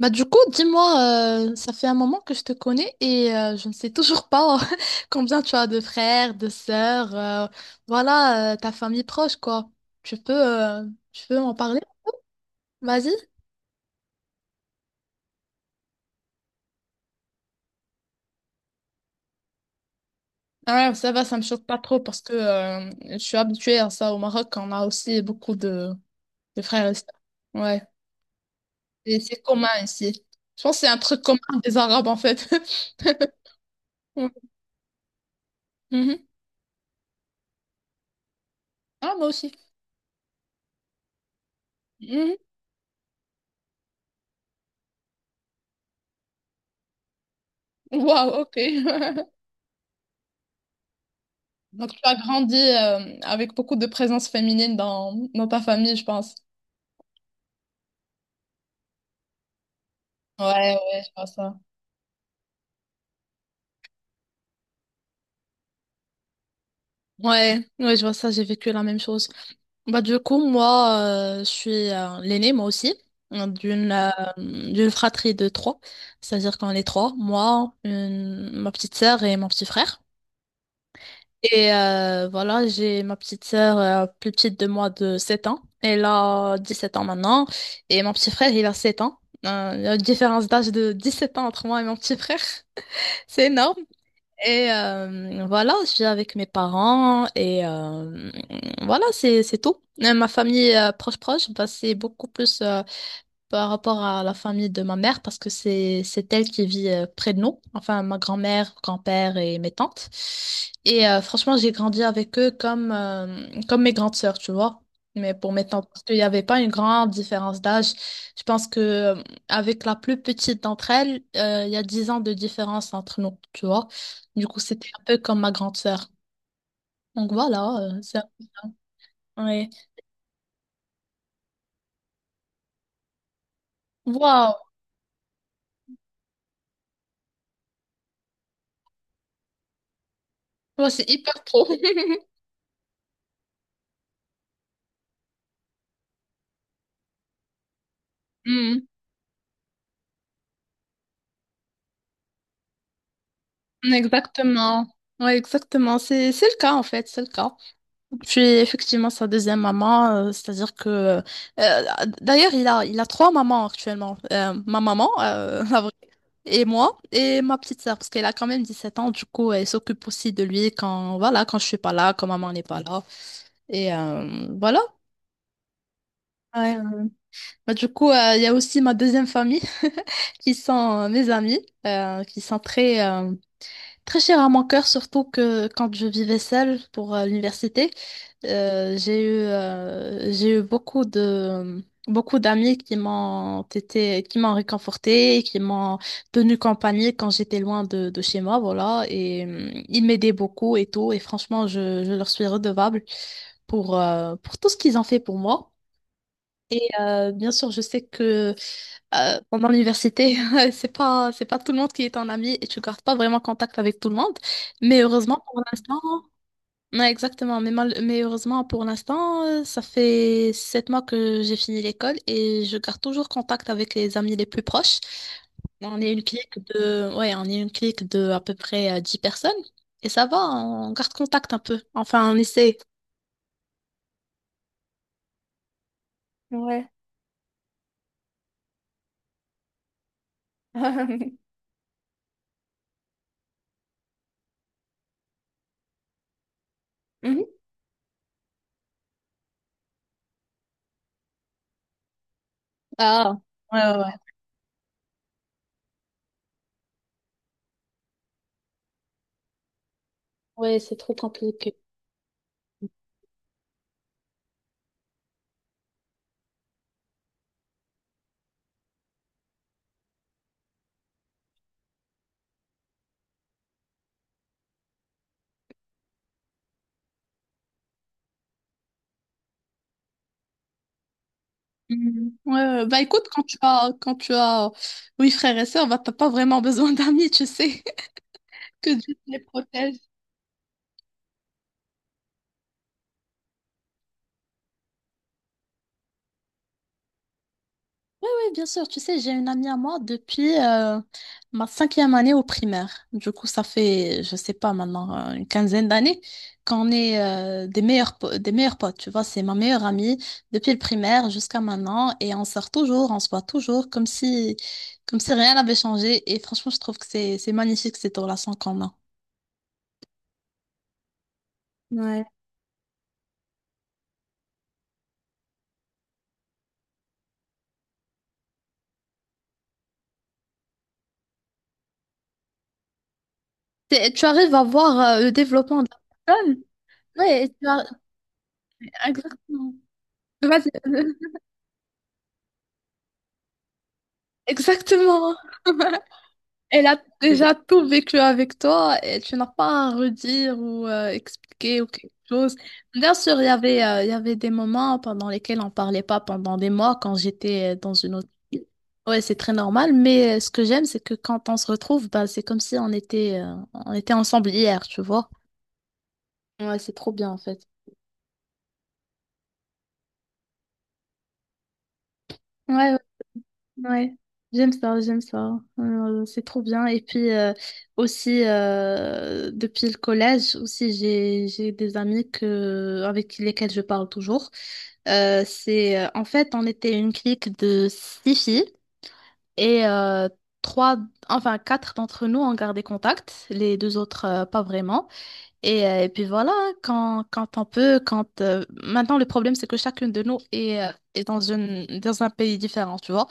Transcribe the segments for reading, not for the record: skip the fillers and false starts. Bah du coup, dis-moi, ça fait un moment que je te connais et je ne sais toujours pas combien tu as de frères, de sœurs, voilà, ta famille proche, quoi. Tu peux, euh, Tu peux en parler? Vas-y. Ah, ça va, ça me choque pas trop parce que je suis habituée à ça au Maroc, on a aussi beaucoup de frères et sœurs. Ouais, et c'est commun ici. Je pense que c'est un truc commun des Arabes en fait. Mhm. Ah, moi aussi. Mhm. Waouh, ok. Donc, tu as grandi avec beaucoup de présence féminine dans ta famille, je pense. Ouais, ouais, je vois ça. Ouais, ouais, je vois ça, j'ai vécu la même chose. Bah, du coup, moi, je suis l'aînée, moi aussi, euh, d'une euh, d'une fratrie de trois. C'est-à-dire qu'on est trois, moi, ma petite sœur et mon petit frère. Et voilà, j'ai ma petite sœur plus petite de moi de 7 ans. Elle a 17 ans maintenant. Et mon petit frère, il a 7 ans. Il y a une différence d'âge de 17 ans entre moi et mon petit frère. C'est énorme. Et voilà, je suis avec mes parents. Et voilà, c'est tout. Et ma famille proche proche, bah, c'est beaucoup plus... par rapport à la famille de ma mère parce que c'est elle qui vit près de nous, enfin ma grand-mère, grand-père et mes tantes. Et franchement, j'ai grandi avec eux comme mes grandes sœurs, tu vois. Mais pour mes tantes, parce qu'il n'y avait pas une grande différence d'âge. Je pense que avec la plus petite d'entre elles, il y a 10 ans de différence entre nous, tu vois. Du coup, c'était un peu comme ma grande sœur. Donc voilà. Ouais. Waouh! Waouh, c'est hyper pro. Hmm. Exactement. Ouais, exactement. C'est le cas, en fait. C'est le cas. Puis, effectivement, sa deuxième maman, c'est-à-dire que. Euh, d'ailleurs, il a trois mamans actuellement. Ma maman, la vraie, et moi, et ma petite sœur, parce qu'elle a quand même 17 ans. Du coup, elle s'occupe aussi de lui quand, voilà, quand je suis pas là, quand maman n'est pas là. Et voilà. Ouais. Bah, du coup, il y a aussi ma deuxième famille, qui sont mes amis, euh, qui sont très, euh, Très cher à mon cœur, surtout que quand je vivais seule pour l'université, j'ai eu beaucoup beaucoup d'amis qui m'ont été, qui m'ont réconfortée, et qui m'ont tenu compagnie quand j'étais loin de chez moi, voilà. Et ils m'aidaient beaucoup et tout. Et franchement, je leur suis redevable pour tout ce qu'ils ont fait pour moi. Et bien sûr, je sais que pendant l'université, c'est pas tout le monde qui est un ami et tu gardes pas vraiment contact avec tout le monde. Mais heureusement, pour l'instant, ouais, exactement. Mais heureusement, pour l'instant, ça fait 7 mois que j'ai fini l'école et je garde toujours contact avec les amis les plus proches. On est une clique de, Ouais, on est une clique de à peu près 10 personnes. Et ça va, on garde contact un peu. Enfin, on essaie. Ouais. Ah, ouais, c'est trop compliqué. Mhm. Ouais, ouais. Bah écoute, quand tu as oui frères et sœurs, bah t'as pas vraiment besoin d'amis, tu sais, que Dieu te les protège. Oui, bien sûr, tu sais, j'ai une amie à moi depuis ma cinquième année au primaire. Du coup, ça fait, je sais pas maintenant, une quinzaine d'années qu'on est des meilleurs potes, tu vois, c'est ma meilleure amie depuis le primaire jusqu'à maintenant et on sort toujours, on se voit toujours comme si rien n'avait changé et franchement, je trouve que c'est magnifique cette relation qu'on a. Ouais, tu arrives à voir le développement de la personne. Oui, exactement. Vas-y, exactement. Elle a déjà tout vécu avec toi et tu n'as pas à redire ou expliquer ou quelque chose. Bien sûr, il y avait des moments pendant lesquels on parlait pas pendant des mois quand j'étais dans une autre ville. Ouais, c'est très normal, mais ce que j'aime, c'est que quand on se retrouve, bah, c'est comme si on était ensemble hier, tu vois. Ouais, c'est trop bien en fait. Ouais, ouais, j'aime ça, j'aime ça. C'est trop bien. Et puis aussi depuis le collège aussi j'ai des amis que avec lesquels je parle toujours. C'est En fait on était une clique de six filles et trois enfin quatre d'entre nous ont gardé contact, les deux autres pas vraiment. Et puis voilà quand on peut quand maintenant le problème c'est que chacune de nous est dans un pays différent, tu vois.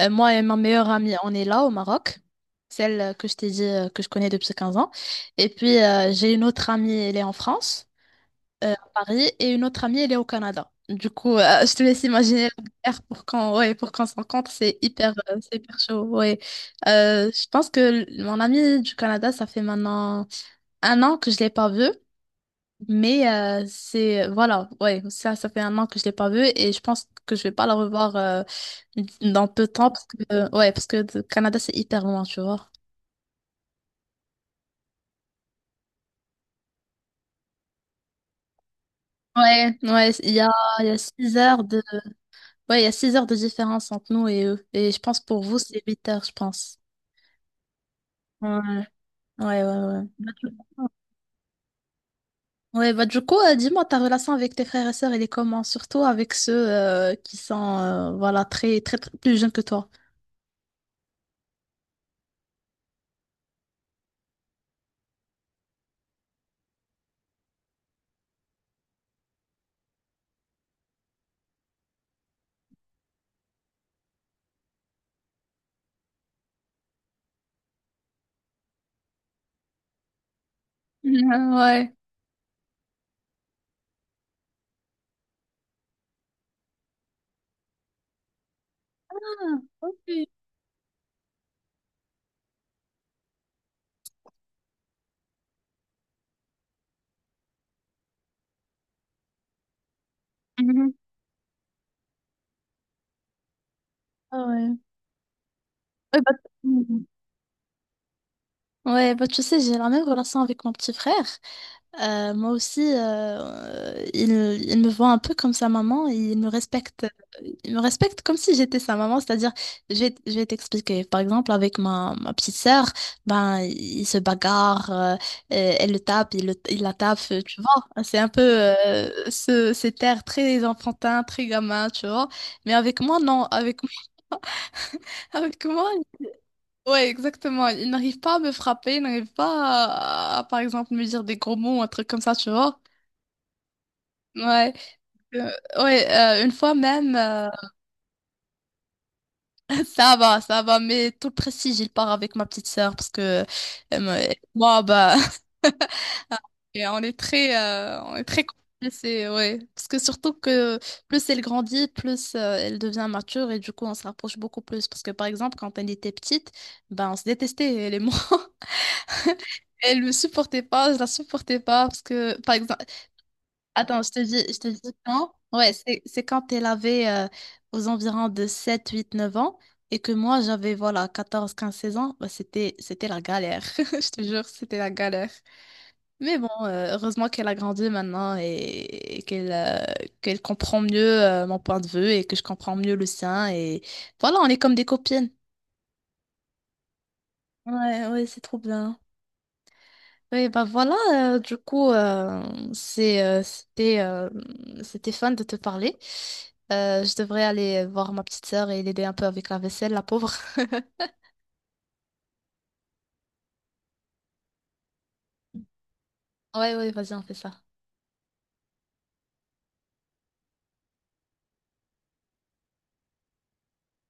Moi et ma meilleure amie, on est là au Maroc, celle que je t'ai dit que je connais depuis 15 ans. Et puis j'ai une autre amie, elle est en France, à Paris, et une autre amie, elle est au Canada. Du coup, je te laisse imaginer l'air pour quand, ouais, pour qu'on se rencontre, c'est hyper chaud. Ouais. Je pense que mon amie du Canada, ça fait maintenant un an que je l'ai pas vue. Mais c'est voilà, ouais, ça fait un an que je l'ai pas vu et je pense que je vais pas la revoir dans peu de temps parce que ouais, parce que le Canada c'est hyper loin, tu vois. Ouais, ouais, il y a 6 heures de ouais, il y a 6 heures de différence entre nous et eux et je pense pour vous c'est 8 heures, je pense. Ouais, ouais, ouais, ouais. Bah, du Ouais, bah du coup, dis-moi, ta relation avec tes frères et sœurs, elle est comment? Surtout avec ceux qui sont voilà, très, très, très plus jeunes que toi. Mhm, ouais. Ah, ok. Mhm. Ah ouais. Ouais, bah, Mhm. Ouais, bah, tu sais, j'ai la même relation avec mon petit frère. Moi aussi, il me voit un peu comme sa maman et il me respecte comme si j'étais sa maman. C'est-à-dire, je vais t'expliquer. Par exemple, avec ma petite sœur, ben, il se bagarre, elle le tape, il la tape, tu vois. C'est un peu cet air très enfantin, très gamin, tu vois. Mais avec moi, non. Avec moi, moi. Ouais, exactement. Il n'arrive pas à me frapper, il n'arrive pas à, par exemple, me dire des gros mots, un truc comme ça, tu vois. Ouais. Euh, ouais. Une fois même, ça va, ça va. Mais tout le prestige, il part avec ma petite sœur parce que euh, moi, bah, et on est très complices, ouais. Parce que surtout que plus elle grandit, plus elle devient mature et du coup, on se rapproche beaucoup plus. Parce que par exemple, quand elle était petite, ben, on se détestait, elle et moi. Elle me supportait pas, je la supportais pas parce que, par exemple, attends, je te dis quand? Ouais, c'est quand elle avait aux environs de 7, 8, 9 ans et que moi j'avais voilà 14, 15, 16 ans, bah, c'était la galère. Je te jure, c'était la galère. Mais bon, heureusement qu'elle a grandi maintenant et qu'elle qu'elle comprend mieux mon point de vue et que je comprends mieux le sien. Et voilà, on est comme des copines. Ouais, ouais, c'est trop bien. Oui, bah voilà, du coup, c'est, euh, c'était, euh, c'était fun de te parler. Je devrais aller voir ma petite sœur et l'aider un peu avec la vaisselle, la pauvre. Ouais, ouais, vas-y, on fait ça.